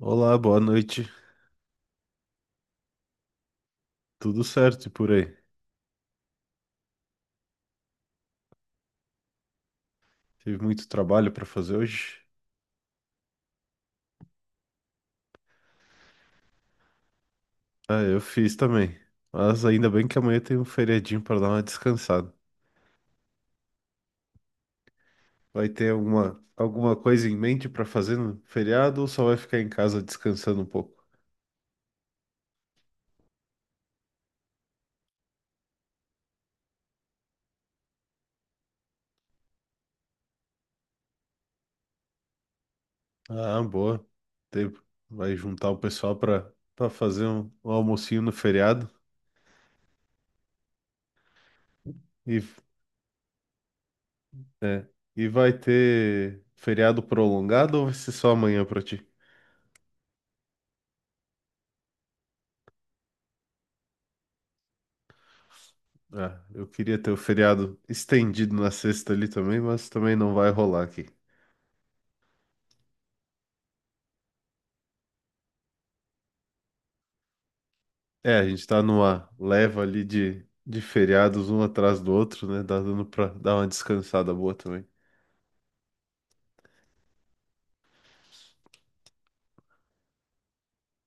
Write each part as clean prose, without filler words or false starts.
Olá, boa noite. Tudo certo e por aí? Tive muito trabalho para fazer hoje? Ah, eu fiz também. Mas ainda bem que amanhã tem um feriadinho para dar uma descansada. Vai ter alguma coisa em mente para fazer no feriado ou só vai ficar em casa descansando um pouco? Ah, boa. Tem- Vai juntar o pessoal para fazer um almocinho no feriado e é, e vai ter feriado prolongado ou vai ser só amanhã para ti? Ah, eu queria ter o feriado estendido na sexta ali também, mas também não vai rolar aqui. É, a gente tá numa leva ali de feriados um atrás do outro, né? Dá dando pra dar uma descansada boa também.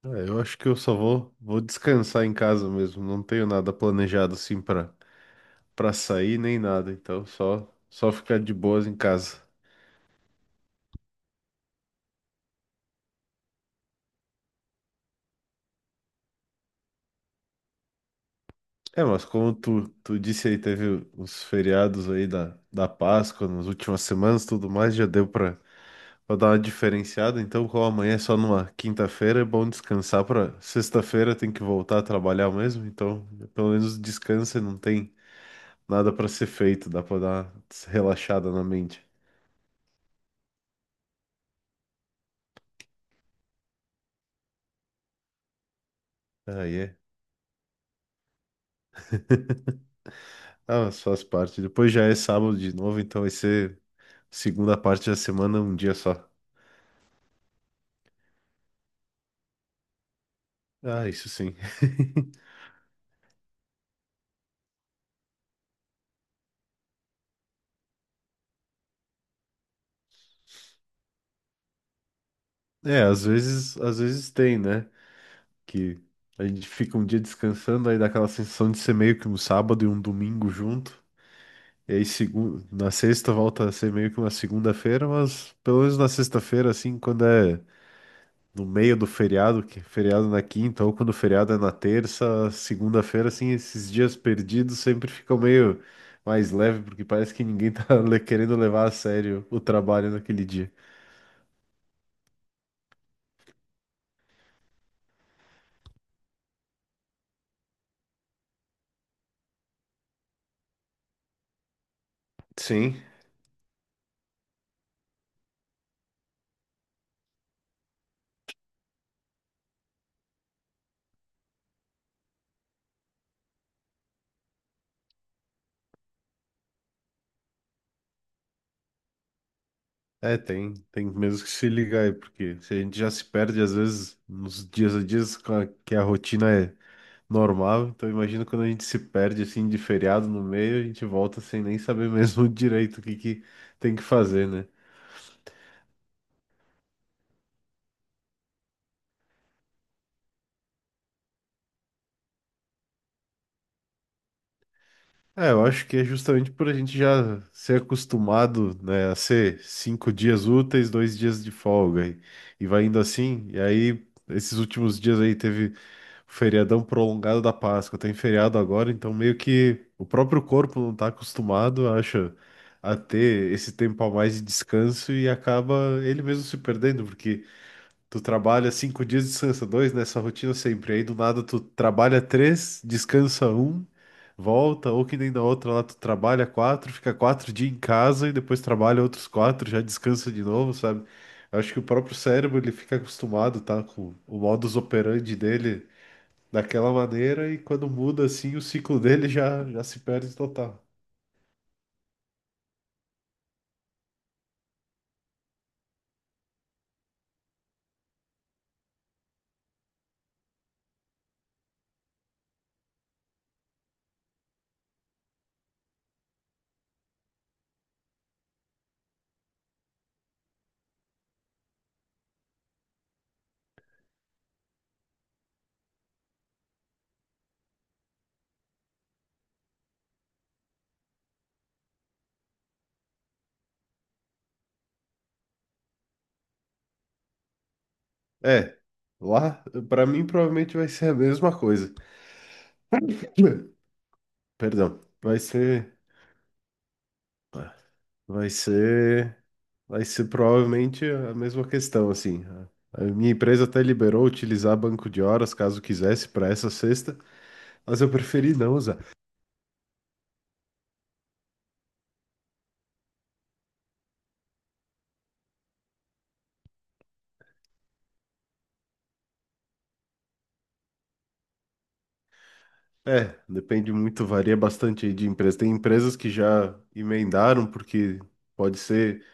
Ah, eu acho que eu só vou descansar em casa mesmo. Não tenho nada planejado assim pra sair nem nada. Então só ficar de boas em casa. É, mas como tu disse aí, teve os feriados aí da Páscoa nas últimas semanas e tudo mais, já deu pra pra dar uma diferenciada, então, como amanhã é só numa quinta-feira, é bom descansar pra sexta-feira tem que voltar a trabalhar mesmo, então pelo menos descansa e não tem nada pra ser feito, dá pra dar uma relaxada na mente. Aí é. Ah, mas faz parte. Depois já é sábado de novo, então vai ser segunda parte da semana, um dia só. Ah, isso sim. É, às vezes tem, né? Que a gente fica um dia descansando, aí dá aquela sensação de ser meio que um sábado e um domingo junto. E aí, na sexta volta a ser meio que uma segunda-feira, mas pelo menos na sexta-feira, assim, quando é no meio do feriado, que é feriado na quinta, ou quando o feriado é na terça, segunda-feira, assim, esses dias perdidos sempre ficam meio mais leve, porque parece que ninguém tá querendo levar a sério o trabalho naquele dia. Sim, é, tem mesmo que se ligar aí, porque se a gente já se perde, às vezes, nos dias a dias, que a rotina é normal. Então imagina quando a gente se perde assim de feriado no meio, a gente volta sem nem saber mesmo direito o que que tem que fazer, né? É, eu acho que é justamente por a gente já ser acostumado, né, a ser cinco dias úteis, dois dias de folga e vai indo assim. E aí esses últimos dias aí teve o feriadão prolongado da Páscoa, tem feriado agora, então meio que o próprio corpo não está acostumado, acha, a ter esse tempo a mais de descanso e acaba ele mesmo se perdendo, porque tu trabalha cinco dias, descansa dois nessa rotina sempre. Aí do nada tu trabalha três, descansa um, volta, ou que nem na outra lá tu trabalha quatro, fica quatro dias em casa e depois trabalha outros quatro, já descansa de novo, sabe? Eu acho que o próprio cérebro ele fica acostumado, tá? Com o modus operandi dele daquela maneira e quando muda assim, o ciclo dele já se perde total. É, lá, pra mim provavelmente vai ser a mesma coisa. Perdão, vai ser. Tá. Vai ser, vai ser provavelmente a mesma questão, assim. A minha empresa até liberou utilizar banco de horas caso quisesse para essa sexta, mas eu preferi não usar. É, depende muito, varia bastante aí de empresa. Tem empresas que já emendaram, porque pode ser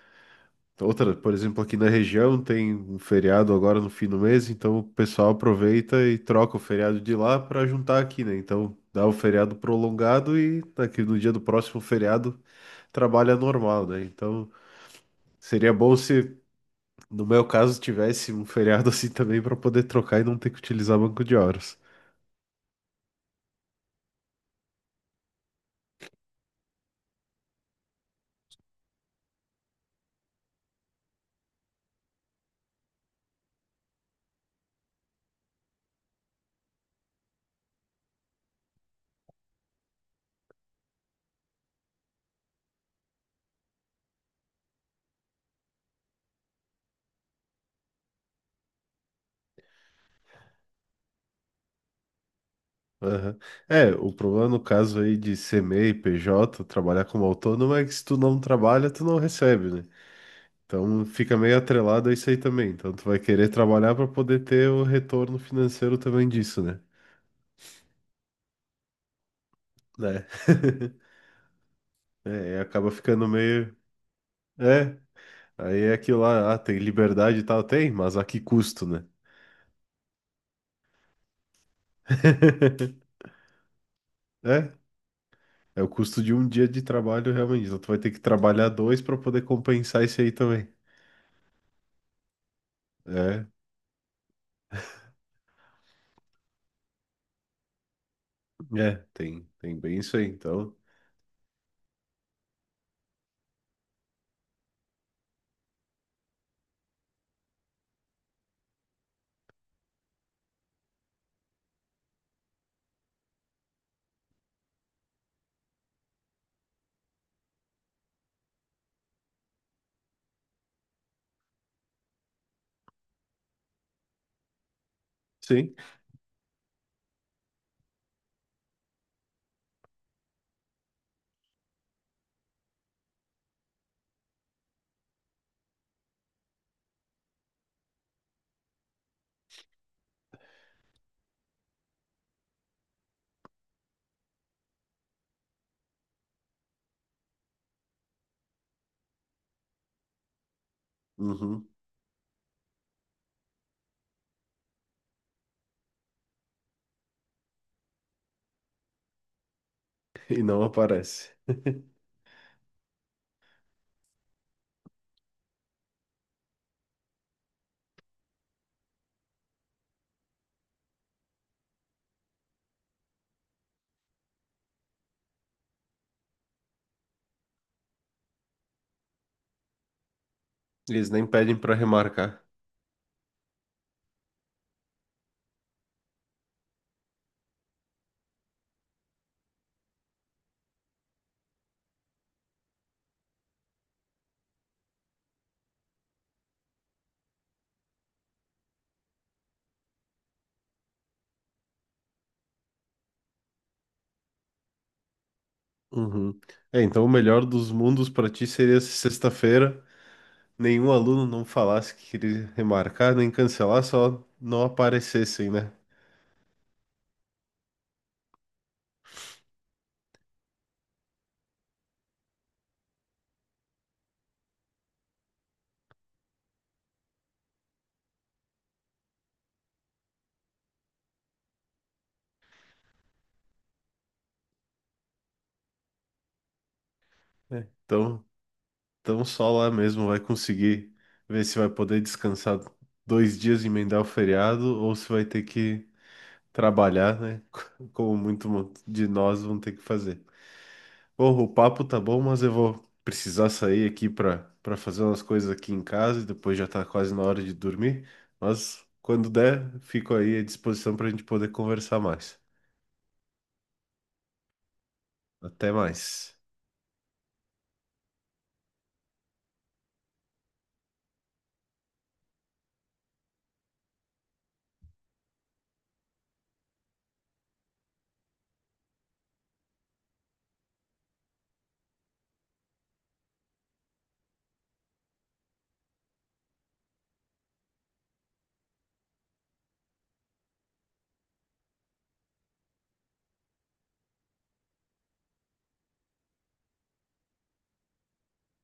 outra, por exemplo, aqui na região tem um feriado agora no fim do mês, então o pessoal aproveita e troca o feriado de lá para juntar aqui, né? Então dá o feriado prolongado e daqui no dia do próximo feriado trabalha normal, né? Então seria bom se, no meu caso, tivesse um feriado assim também para poder trocar e não ter que utilizar banco de horas. Aham. É, o problema no caso aí de ser MEI, PJ, trabalhar como autônomo é que se tu não trabalha, tu não recebe, né? Então fica meio atrelado a isso aí também. Então tu vai querer trabalhar para poder ter o retorno financeiro também disso, né? Né? É, e acaba ficando meio. É, aí é aquilo lá, ah, tem liberdade e tal, tem, mas a que custo, né? É. É o custo de um dia de trabalho, realmente. Então, tu vai ter que trabalhar dois para poder compensar isso aí também. É, é, tem bem isso aí. Então, sim. Uhum. E não aparece. Eles nem pedem para remarcar. Uhum. É, então o melhor dos mundos para ti seria se sexta-feira nenhum aluno não falasse que queria remarcar, nem cancelar, só não aparecessem, né? É. Então, então só lá mesmo vai conseguir ver se vai poder descansar dois dias e emendar o feriado ou se vai ter que trabalhar, né? Como muito de nós vão ter que fazer. Bom, o papo tá bom, mas eu vou precisar sair aqui para fazer umas coisas aqui em casa e depois já tá quase na hora de dormir. Mas quando der, fico aí à disposição para a gente poder conversar mais. Até mais.